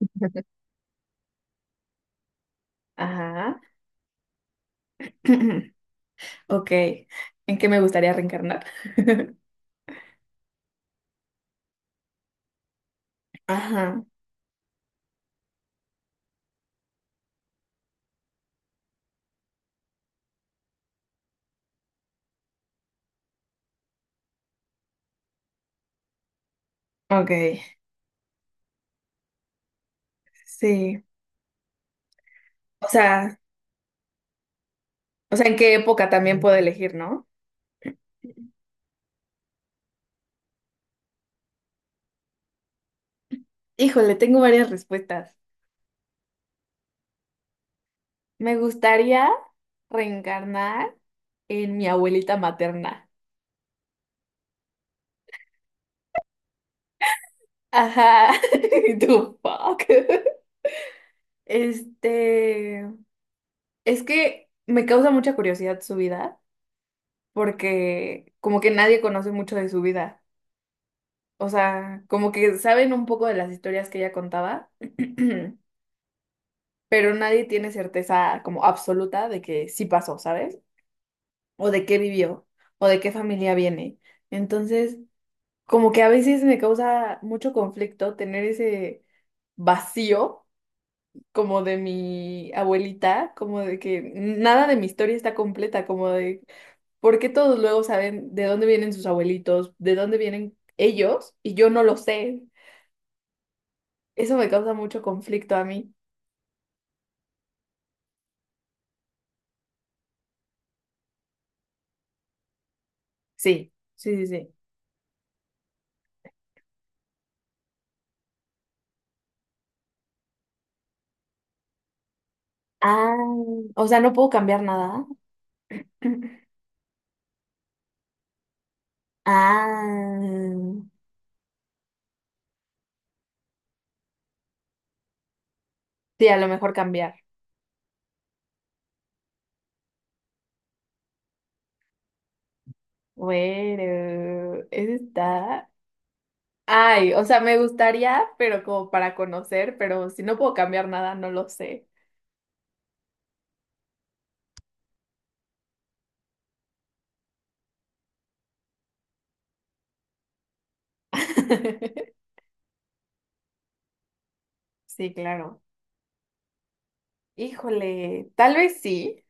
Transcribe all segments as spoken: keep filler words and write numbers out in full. Ajá. Ok. ¿En qué me gustaría reencarnar? Ajá. Ok. Sí. O sea, o sea, ¿en qué época también puedo elegir, no? Híjole, tengo varias respuestas. Me gustaría reencarnar en mi abuelita materna. Ajá. ¿Tú, fuck? Este, es que me causa mucha curiosidad su vida, porque como que nadie conoce mucho de su vida. O sea, como que saben un poco de las historias que ella contaba, pero nadie tiene certeza como absoluta de que sí pasó, ¿sabes? O de qué vivió, o de qué familia viene. Entonces, como que a veces me causa mucho conflicto tener ese vacío como de mi abuelita, como de que nada de mi historia está completa, como de por qué todos luego saben de dónde vienen sus abuelitos, de dónde vienen ellos, y yo no lo sé. Eso me causa mucho conflicto a mí. Sí, sí, sí, sí. Ah, o sea, no puedo cambiar nada. Ah, sí, a lo mejor cambiar. Bueno, eso está. Ay, o sea, me gustaría, pero como para conocer, pero si no puedo cambiar nada, no lo sé. Sí, claro. Híjole, tal vez sí,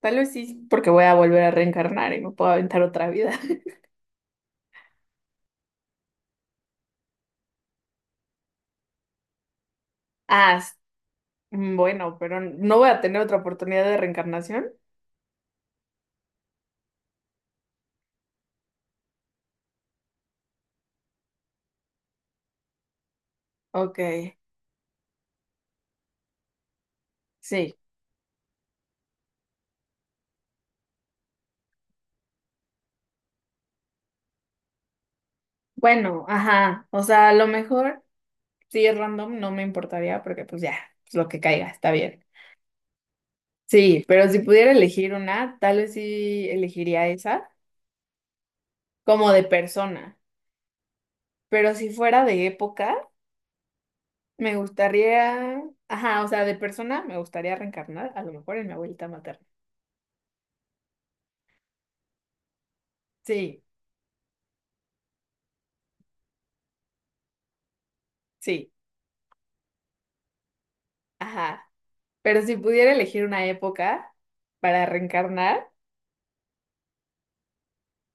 tal vez sí, porque voy a volver a reencarnar y me puedo aventar otra vida. Ah, s- mm, bueno, pero no voy a tener otra oportunidad de reencarnación. Ok, sí. Bueno, ajá. O sea, a lo mejor si es random no me importaría porque pues ya, pues lo que caiga, está bien. Sí, pero si pudiera elegir una, tal vez sí elegiría esa, como de persona. Pero si fuera de época, me gustaría, ajá, o sea, de persona me gustaría reencarnar, a lo mejor en mi abuelita materna. Sí, sí, ajá. Pero si pudiera elegir una época para reencarnar,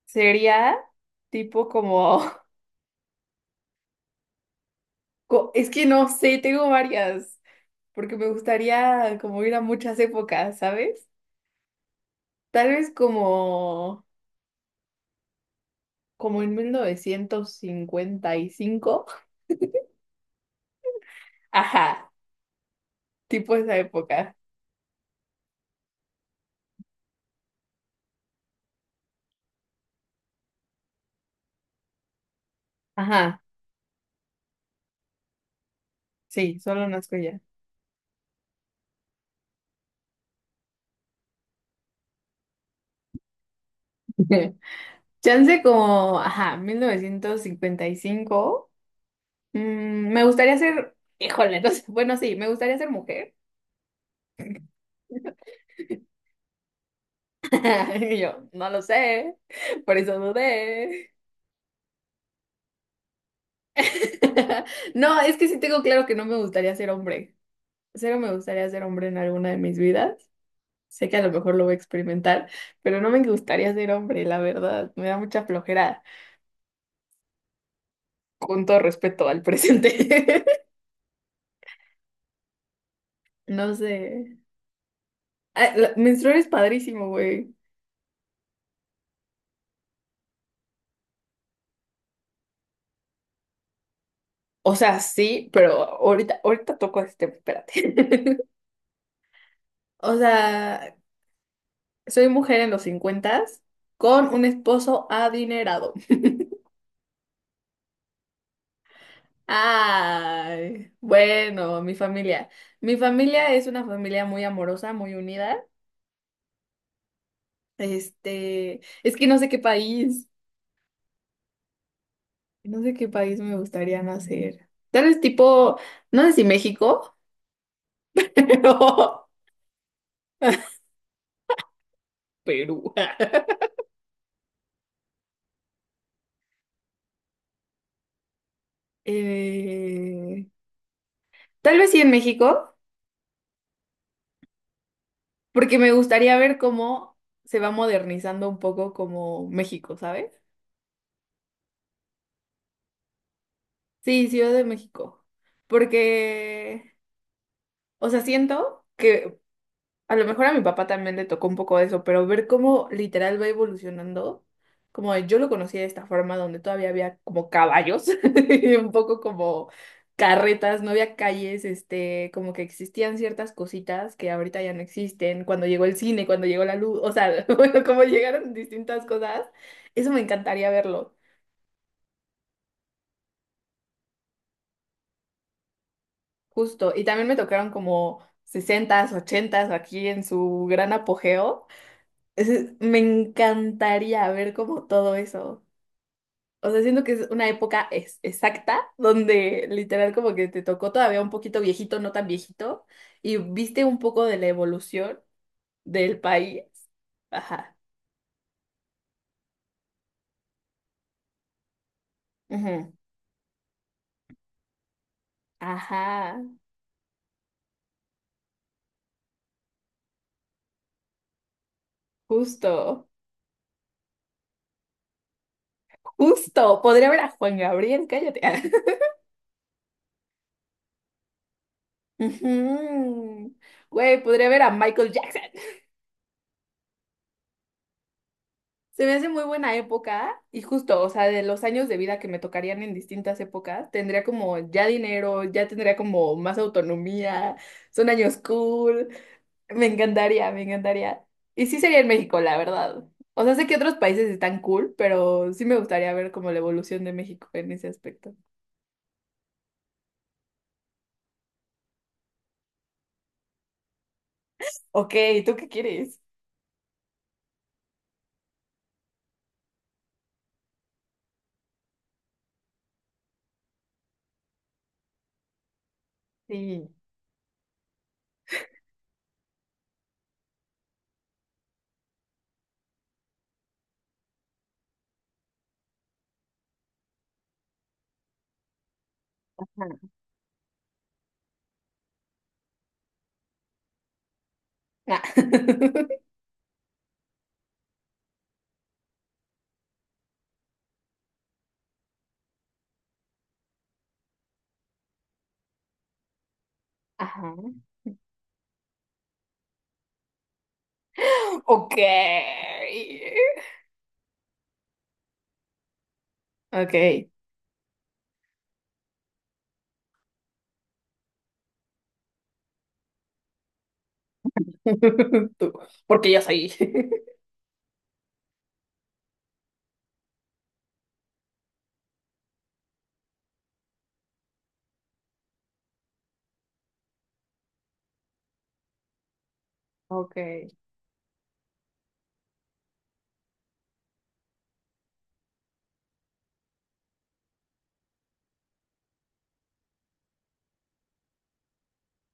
sería tipo como Co- Es que no sé, tengo varias, porque me gustaría como ir a muchas épocas, ¿sabes? Tal vez como, como en mil novecientos cincuenta y cinco. Ajá, tipo esa época. Ajá, sí, solo nazco ya. Chance como, ajá, mil novecientos cincuenta y cinco. Mm, me gustaría ser, híjole, no sé, bueno, sí, me gustaría ser mujer. Y yo, no lo sé, por eso dudé. No, es que sí tengo claro que no me gustaría ser hombre. Cero me gustaría ser hombre en alguna de mis vidas. Sé que a lo mejor lo voy a experimentar, pero no me gustaría ser hombre, la verdad. Me da mucha flojera, con todo respeto al presente. No sé. Ah, la- menstruar es padrísimo, güey. O sea, sí, pero ahorita, ahorita toco este tema, espérate. O sea, soy mujer en los cincuentas con un esposo adinerado. Ay, bueno, mi familia. Mi familia es una familia muy amorosa, muy unida. Este, es que no sé qué país, no sé qué país me gustaría nacer. Tal vez tipo, no sé si México, pero Perú. Eh, Tal vez sí en México, porque me gustaría ver cómo se va modernizando un poco como México, ¿sabes? Sí, Ciudad de México. Porque, o sea, siento que a lo mejor a mi papá también le tocó un poco eso, pero ver cómo literal va evolucionando, como de- yo lo conocía de esta forma donde todavía había como caballos, y un poco como carretas, no había calles, este, como que existían ciertas cositas que ahorita ya no existen, cuando llegó el cine, cuando llegó la luz, o sea, bueno, como llegaron distintas cosas, eso me encantaría verlo, justo. Y también me tocaron como sesentas ochentas aquí en su gran apogeo. Ese- me encantaría ver como todo eso. O sea, siento que es una época es, exacta donde literal como que te tocó todavía un poquito viejito, no tan viejito, y viste un poco de la evolución del país. Ajá. Ujú. Ajá. Justo. Justo. Podría ver a Juan Gabriel, cállate. Ujú. Güey, podría ver a Michael Jackson. Se me hace muy buena época y justo, o sea, de los años de vida que me tocarían en distintas épocas, tendría como ya dinero, ya tendría como más autonomía, son años cool, me encantaría, me encantaría. Y sí sería en México, la verdad. O sea, sé que otros países están cool, pero sí me gustaría ver como la evolución de México en ese aspecto. Ok, ¿tú qué quieres? Sí. Ajá. Ajá. Ok. Ok. Tú, porque yo soy. Ok.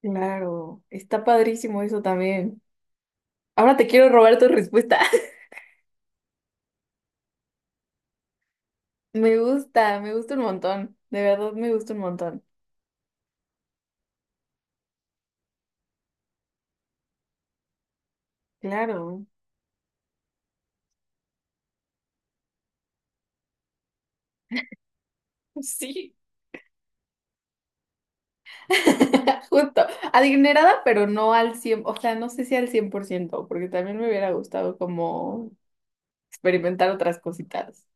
Claro, está padrísimo eso también. Ahora te quiero robar tu respuesta. Me gusta, me gusta un montón. De verdad, me gusta un montón. Claro. Sí. Justo. Adinerada, pero no al cien. O sea, no sé si al cien por ciento, porque también me hubiera gustado como experimentar otras cositas.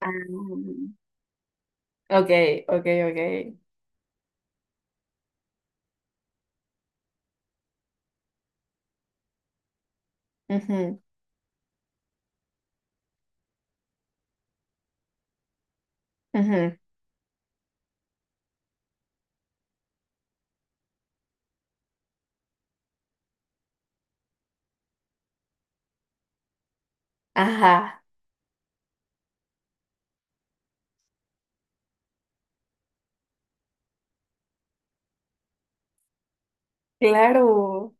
Ah, ok, ok, ok. Ujú, ujú. Ajá, claro.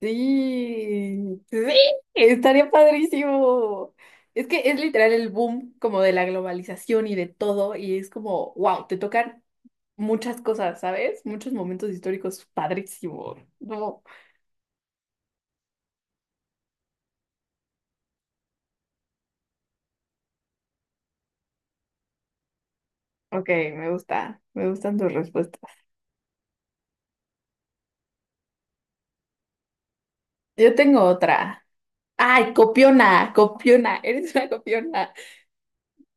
Sí, sí, estaría padrísimo. Es que es literal el boom como de la globalización y de todo, y es como, wow, te tocan muchas cosas, ¿sabes? Muchos momentos históricos padrísimos. No. Ok, me gusta, me gustan tus respuestas. Yo tengo otra. Ay, copiona, copiona, eres una copiona.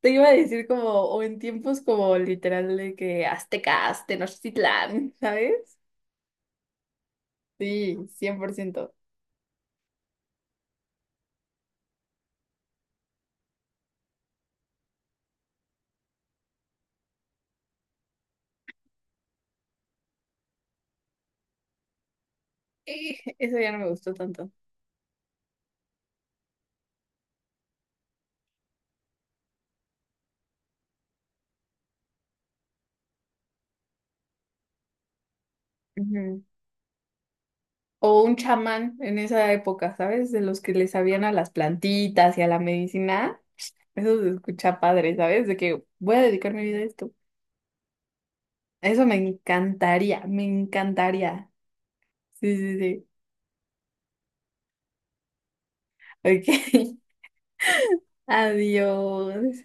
Te iba a decir como, o en tiempos como literal de que aztecas, Tenochtitlán, ¿sabes? Sí, cien por ciento. Eh, Eso ya no me gustó tanto. Ujú. O un chamán en esa época, ¿sabes? De los que le sabían a las plantitas y a la medicina. Eso se escucha padre, ¿sabes? De que voy a dedicar mi vida a esto. Eso me encantaría, me encantaría. Sí, sí, sí. Ok, adiós.